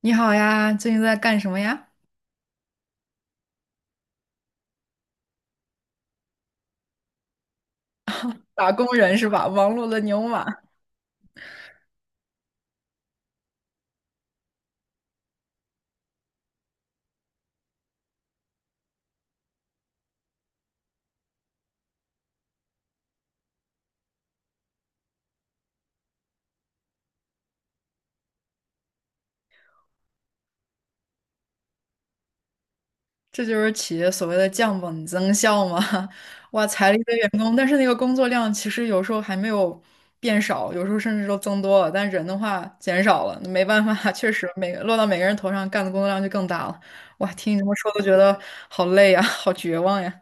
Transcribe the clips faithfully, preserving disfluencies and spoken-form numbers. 你好呀，最近在干什么呀？打工人是吧？忙碌的牛马，这就是企业所谓的降本增效嘛。哇，裁了一堆员工，但是那个工作量其实有时候还没有变少，有时候甚至都增多了，但人的话减少了，没办法，确实每个落到每个人头上干的工作量就更大了。哇，听你这么说都觉得好累呀，好绝望呀！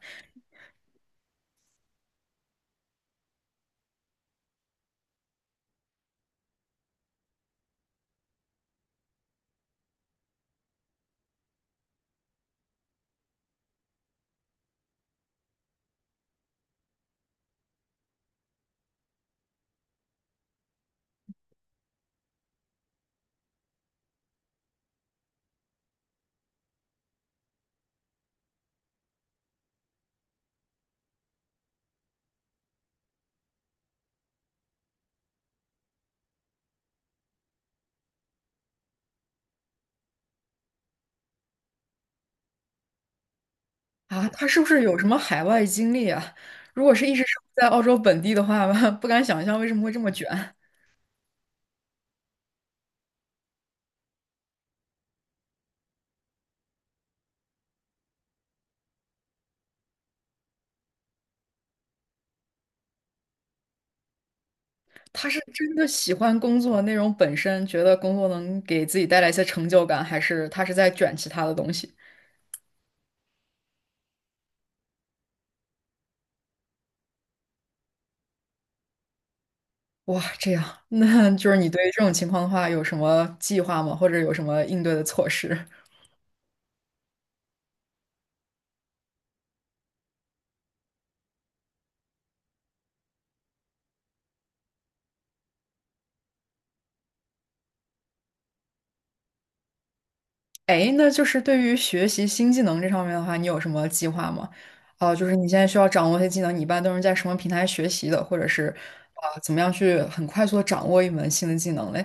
啊，他是不是有什么海外经历啊？如果是一直生活在澳洲本地的话，不敢想象为什么会这么卷。他是真的喜欢工作内容本身，觉得工作能给自己带来一些成就感，还是他是在卷其他的东西？哇，这样，那就是你对于这种情况的话，有什么计划吗？或者有什么应对的措施？哎，那就是对于学习新技能这上面的话，你有什么计划吗？啊、就是你现在需要掌握一些技能，你一般都是在什么平台学习的，或者是啊、怎么样去很快速的掌握一门新的技能嘞？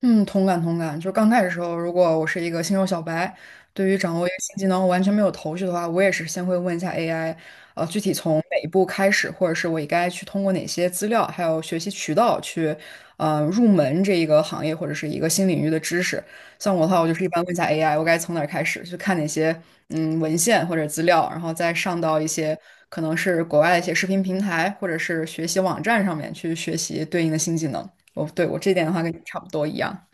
嗯，同感同感。就刚开始的时候，如果我是一个新手小白，对于掌握一个新技能完全没有头绪的话，我也是先会问一下 A I，呃，具体从哪一步开始，或者是我应该去通过哪些资料，还有学习渠道去，呃，入门这一个行业或者是一个新领域的知识。像我的话，我就是一般问一下 A I，我该从哪儿开始，去看哪些嗯文献或者资料，然后再上到一些可能是国外的一些视频平台或者是学习网站上面去学习对应的新技能。哦，对，我这点的话跟你差不多一样。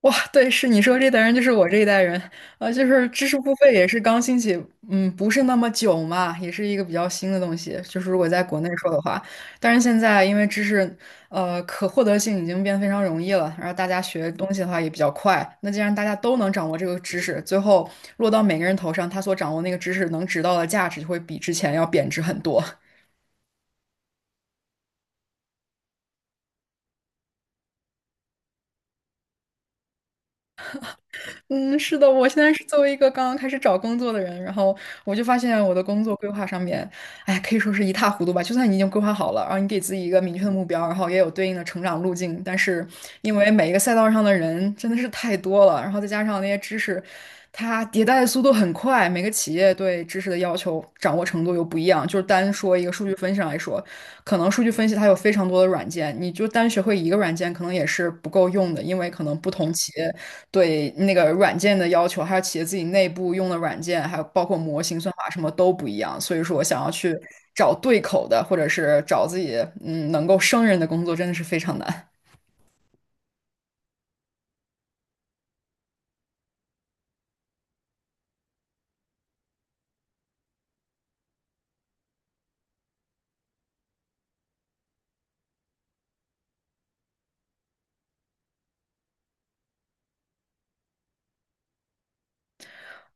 哇，对，是你说这代人就是我这一代人，呃，就是知识付费也是刚兴起，嗯，不是那么久嘛，也是一个比较新的东西。就是如果在国内说的话，但是现在因为知识，呃，可获得性已经变得非常容易了，然后大家学东西的话也比较快。那既然大家都能掌握这个知识，最后落到每个人头上，他所掌握那个知识能值到的价值就会比之前要贬值很多。嗯，是的，我现在是作为一个刚刚开始找工作的人，然后我就发现我的工作规划上面，哎，可以说是一塌糊涂吧。就算你已经规划好了，然后你给自己一个明确的目标，然后也有对应的成长路径，但是因为每一个赛道上的人真的是太多了，然后再加上那些知识，它迭代的速度很快，每个企业对知识的要求掌握程度又不一样。就是单说一个数据分析来说，可能数据分析它有非常多的软件，你就单学会一个软件可能也是不够用的，因为可能不同企业。对那个软件的要求，还有企业自己内部用的软件，还有包括模型、算法什么都不一样。所以说，我想要去找对口的，或者是找自己嗯能够胜任的工作，真的是非常难。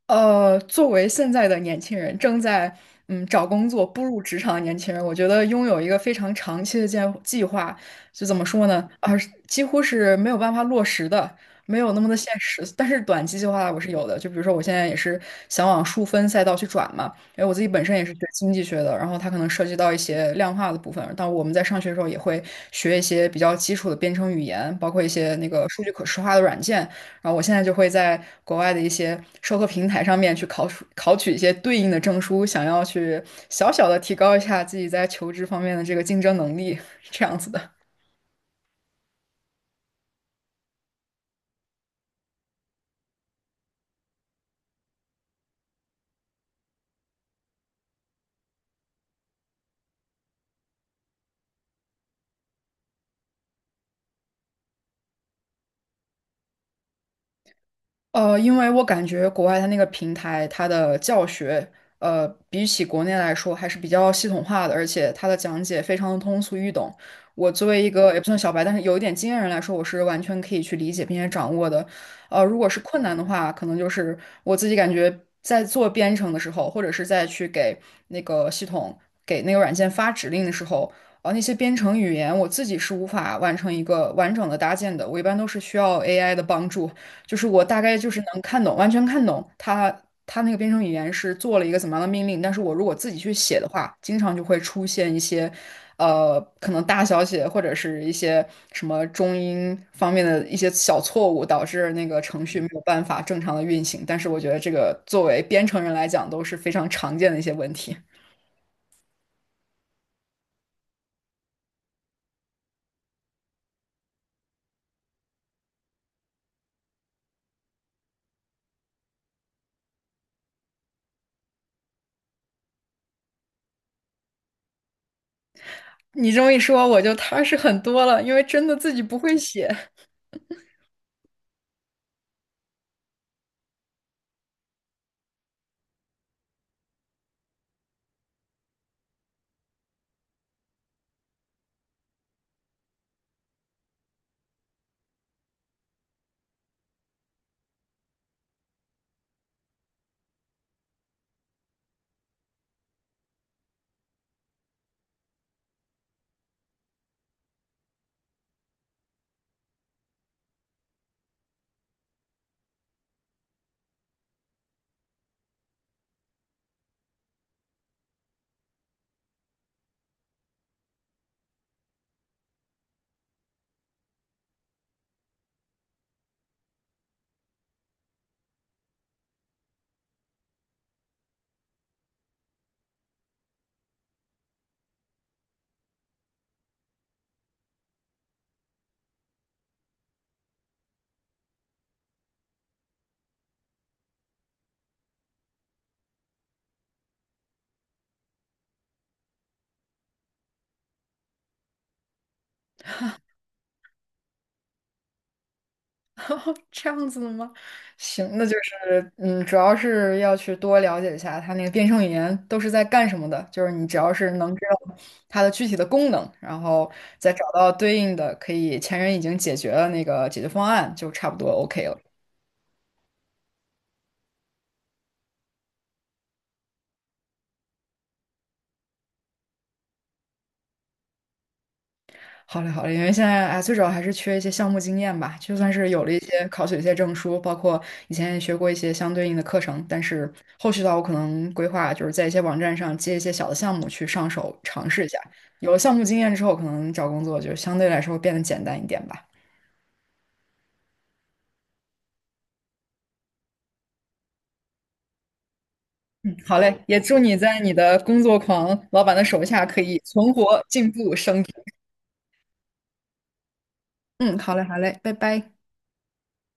呃，作为现在的年轻人，正在嗯找工作、步入职场的年轻人，我觉得拥有一个非常长期的计计划，就怎么说呢？啊，几乎是没有办法落实的，没有那么的现实。但是短期计划我是有的，就比如说我现在也是想往数分赛道去转嘛，因为我自己本身也是学经济学的，然后它可能涉及到一些量化的部分。但我们在上学的时候也会学一些比较基础的编程语言，包括一些那个数据可视化的软件。然后我现在就会在国外的一些授课平台上面去考取考取一些对应的证书，想要去小小的提高一下自己在求职方面的这个竞争能力，这样子的。呃，因为我感觉国外它那个平台，它的教学，呃，比起国内来说还是比较系统化的，而且它的讲解非常的通俗易懂。我作为一个也不算小白，但是有一点经验人来说，我是完全可以去理解并且掌握的。呃，如果是困难的话，可能就是我自己感觉在做编程的时候，或者是在去给那个系统、给那个软件发指令的时候，呃，那些编程语言我自己是无法完成一个完整的搭建的，我一般都是需要 A I 的帮助。就是我大概就是能看懂，完全看懂它它那个编程语言是做了一个怎么样的命令，但是我如果自己去写的话，经常就会出现一些，呃，可能大小写或者是一些什么中英方面的一些小错误，导致那个程序没有办法正常的运行。但是我觉得这个作为编程人来讲都是非常常见的一些问题。你这么一说，我就踏实很多了，因为真的自己不会写。这样子的吗？行，那就是嗯，主要是要去多了解一下它那个变声语言都是在干什么的，就是你只要是能知道它的具体的功能，然后再找到对应的可以前人已经解决了那个解决方案，就差不多 OK 了。好嘞，好嘞，因为现在啊，最主要还是缺一些项目经验吧。就算是有了一些考取了一些证书，包括以前也学过一些相对应的课程，但是后续的话，我可能规划就是在一些网站上接一些小的项目去上手尝试一下。有了项目经验之后，可能找工作就相对来说会变得简单一点吧。嗯，好嘞，也祝你在你的工作狂老板的手下可以存活、进步、升职。嗯，好嘞，好嘞，拜拜。